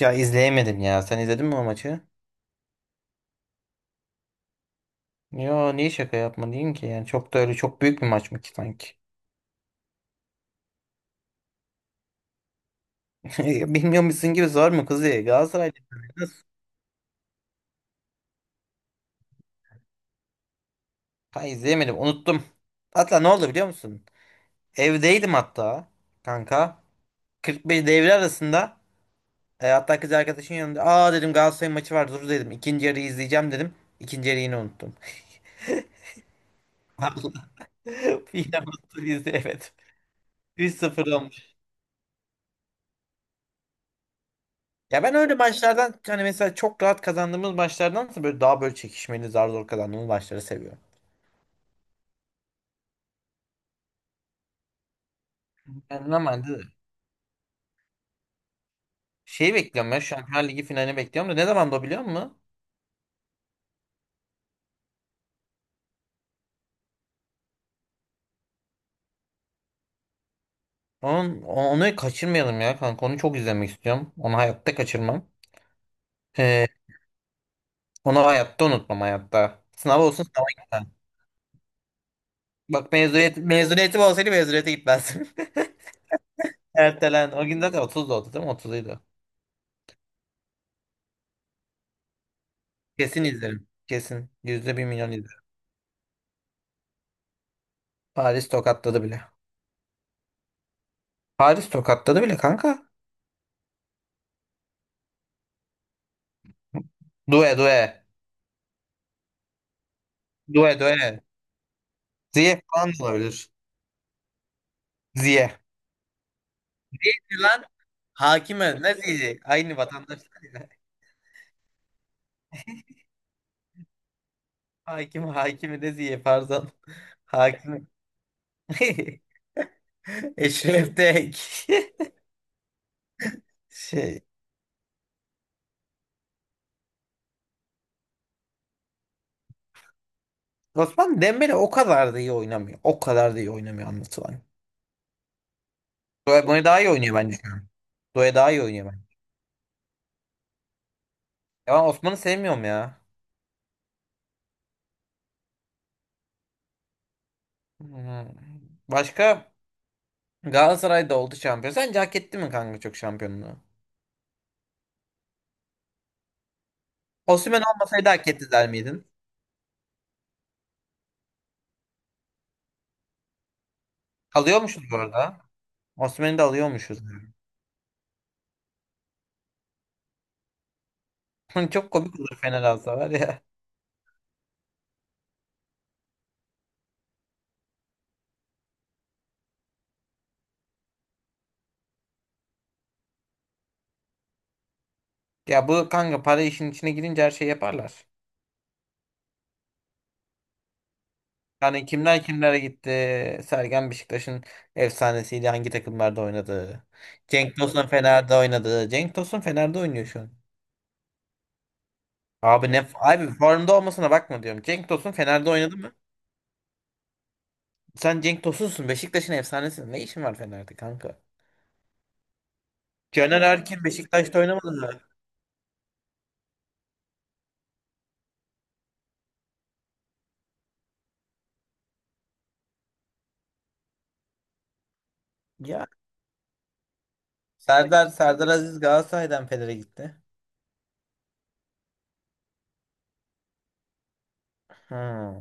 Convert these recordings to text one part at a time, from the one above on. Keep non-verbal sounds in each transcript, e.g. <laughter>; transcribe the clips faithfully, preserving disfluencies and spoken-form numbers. Ya izleyemedim ya. Sen izledin mi o maçı? Ya niye şaka yapma ki? Yani çok da öyle çok büyük bir maç mı ki sanki? <laughs> Bilmiyor musun gibi, zor mu kızı? Galatasaray'da nasıl? Ha izleyemedim, unuttum. Hatta ne oldu biliyor musun? Evdeydim hatta kanka. kırk beş devre arasında e, hatta kız arkadaşın yanında. Aa dedim, Galatasaray maçı var, dur dedim. İkinci yarıyı izleyeceğim dedim. İkinci yarıyı yine unuttum. <laughs> Yine unuttum, izle evet. üç sıfıra. Ya ben öyle maçlardan hani, mesela çok rahat kazandığımız maçlardansa böyle daha böyle çekişmeli, zar zor kazandığımız maçları seviyorum. Ben normalde şey bekliyorum ya, Şampiyonlar Ligi finalini bekliyorum da ne zaman, da biliyor musun? Onun, onu kaçırmayalım ya kanka, onu çok izlemek istiyorum. Onu hayatta kaçırmam. Ee, Onu hayatta unutmam, hayatta. Sınav olsun, sınava gitmem. Bak mezuniyet, mezuniyetim olsaydı mezuniyete gitmezdim. <laughs> Ertelen. O gün zaten otuzda oldu değil mi? otuzuydu. Kesin izlerim. Kesin. Yüzde bir milyon izlerim. Paris tokatladı bile. Paris tokatladı bile kanka. Due, due. Due, due. Ziyeh falan da olabilir. Ziyeh. Lan hakime ne ziyehi? Aynı vatandaşlar ya. Hakim hakimi de ziyehi, pardon. <laughs> Hakimi <laughs> Eşref de <laughs> ek. Şey. Osman Dembele o kadar da iyi oynamıyor. O kadar da iyi oynamıyor anlatılan. Due bunu daha iyi oynuyor bence. Due daha iyi oynuyor bence. Ya ben Osman'ı sevmiyorum ya. Hmm. Başka Galatasaray'da oldu şampiyon. Sence hak etti mi kanka çok, şampiyonluğu? Osimhen olmasaydı hak etti der miydin? Alıyormuşuz bu arada. Osimhen'i de alıyormuşuz. <laughs> Çok komik olur Fener alsa var ya. Ya bu kanka, para işin içine girince her şey yaparlar. Yani kimler kimlere gitti. Sergen Beşiktaş'ın efsanesiyle hangi takımlarda oynadı. Cenk Tosun Fener'de oynadı. Cenk Tosun Fener'de oynuyor şu an. Abi ne abi, formda olmasına bakma diyorum. Cenk Tosun Fener'de oynadı mı? Sen Cenk Tosun'sun, Beşiktaş'ın efsanesi. Ne işin var Fener'de kanka? Caner Erkin Beşiktaş'ta oynamadı mı? Ya Serdar Serdar Aziz Galatasaray'dan Fener'e gitti. Hmm.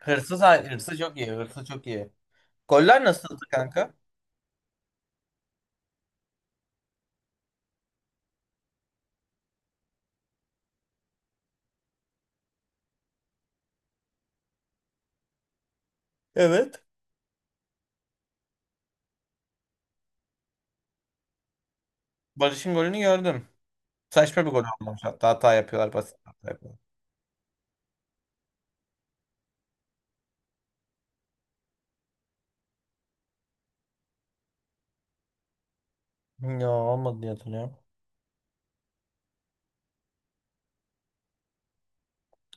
Hırsız, hay- hırsız çok iyi. Hırsız çok iyi. Goller nasıldı kanka? Evet. Barış'ın golünü gördüm. Saçma bir gol olmuş. Hatta hata yapıyorlar. Basit hata yapıyorlar. Ya olmadı diye hatırlıyorum.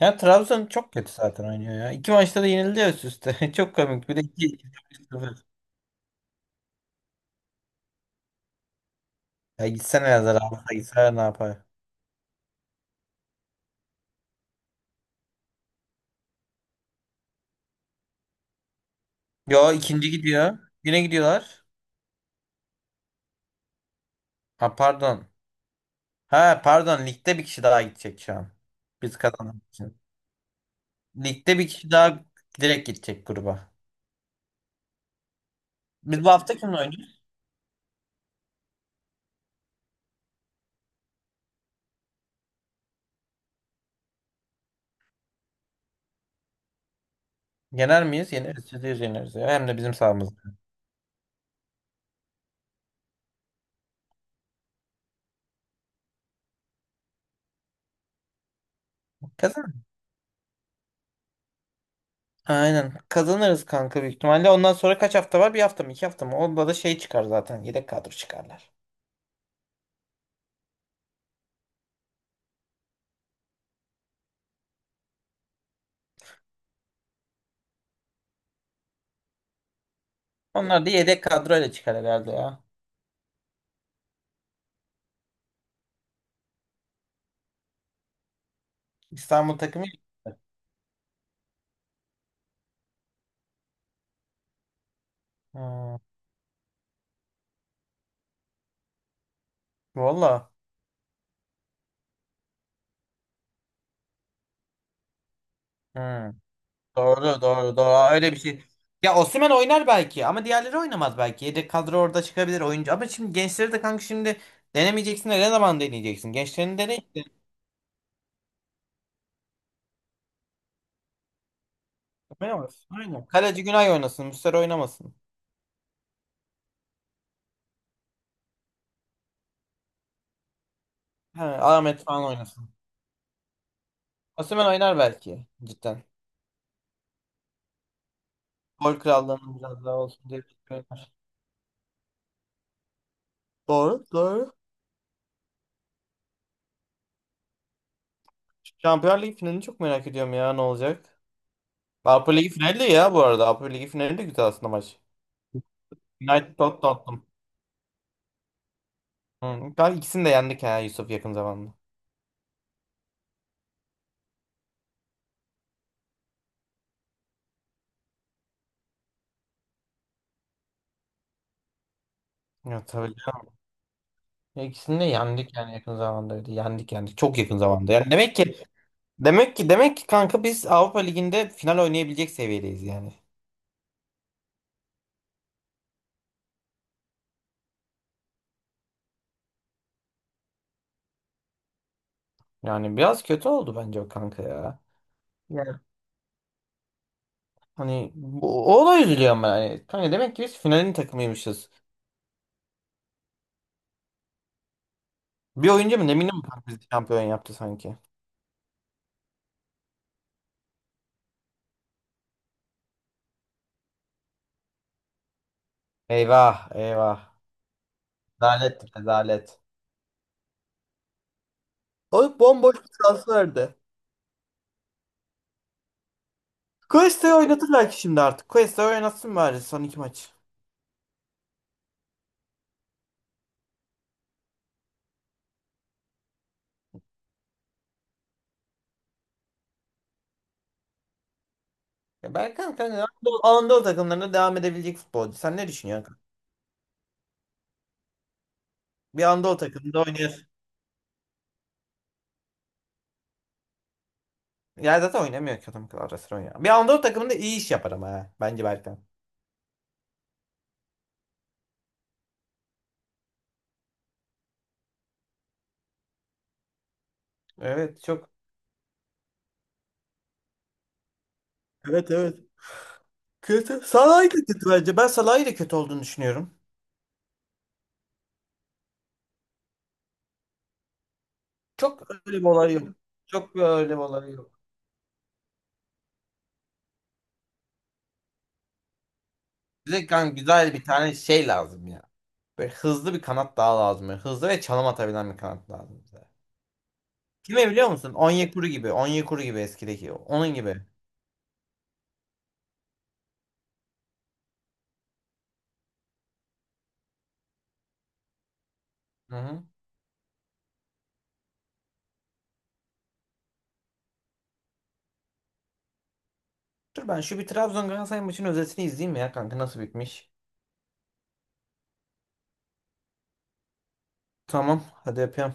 Ya Trabzon çok kötü zaten oynuyor ya. İki maçta da yenildi ya üst üste. <laughs> Çok komik. Bir de iki. iki- sıfır. Ya gitsene ya, Zarafa gitsene ne yapar? Yo, ikinci gidiyor. Yine gidiyorlar. Ha pardon. Ha pardon, ligde bir kişi daha gidecek şu an. Biz kazanmak için. Ligde bir kişi daha direkt gidecek gruba. Biz bu hafta kimle oynuyoruz? Yener miyiz? Yeneriz. Yüzde yüz yeneriz ya. Hem de bizim sahamızda. Kazan. Aynen. Kazanırız kanka büyük ihtimalle. Ondan sonra kaç hafta var? Bir hafta mı? İki hafta mı? Onda da şey çıkar zaten. Yedek kadro çıkarlar. Onlar da yedek kadroyla çıkar herhalde ya. İstanbul takımı. Hmm. Valla. Hmm. Doğru doğru doğru. Aa, öyle bir şey. Ya Osimhen oynar belki ama diğerleri oynamaz belki. Yedek kadro orada çıkabilir oyuncu. Ama şimdi gençleri de kanka, şimdi denemeyeceksin de ne zaman deneyeceksin? Gençlerini dene. Oynamaz. Aynen. Kaleci Günay oynasın. Muslera oynamasın. He, Ahmet falan oynasın. Osimhen oynar belki. Cidden. Gol krallığının biraz daha olsun diye bekliyorum. Doğru, doğru. Şampiyonlar Ligi finalini çok merak ediyorum ya, ne olacak. Avrupa Ligi finali de ya bu arada. Avrupa Ligi finali de güzel aslında maç. United Tot- Tottenham. Hı. Galiba ikisini de yendik ha Yusuf, yakın zamanda. Ya tabii. Ya İkisini de yendik yani, yakın zamanda öyle. Yendik yani çok yakın zamanda. Yani demek ki demek ki demek ki kanka, biz Avrupa Ligi'nde final oynayabilecek seviyedeyiz yani. Yani biraz kötü oldu bence o kanka ya. Yani hani bu, o olay, üzülüyor ama yani. Kanka demek ki biz finalin takımıymışız. Bir oyuncu mu ne bileyim mi kanka, bizi şampiyon yaptı sanki. Eyvah eyvah. Rezalet rezalet. O bomboş bir transferdi. Quest'i oynatır belki şimdi artık. Quest'i oynatsın bari son iki maç. Ya ben kanka hani Anadolu, Anadolu takımlarına devam edebilecek futbolcu. Sen ne düşünüyorsun kanka? Bir Anadolu takımında oynuyor. Ya zaten oynamıyor ki adam kadar, ara sıra oynuyor. Bir Anadolu takımında iyi iş yapar ama ha. Bence Berkan. Evet çok Evet, evet. Kötü. Salahi de kötü bence. Ben Salah'ı da kötü olduğunu düşünüyorum. Çok öyle bir olay yok. Çok öyle bir olay yok. Bize kan güzel bir tane şey lazım ya. Böyle hızlı bir kanat daha lazım. Böyle hızlı ve çalım atabilen bir kanat lazım bize. Kime biliyor musun? Onyekuru gibi. Onyekuru gibi, eskideki. Onun gibi. Hı hı. Dur ben şu bir Trabzon Galatasaray maçının özetini izleyeyim ya kanka, nasıl bitmiş. Tamam hadi, yapıyorum.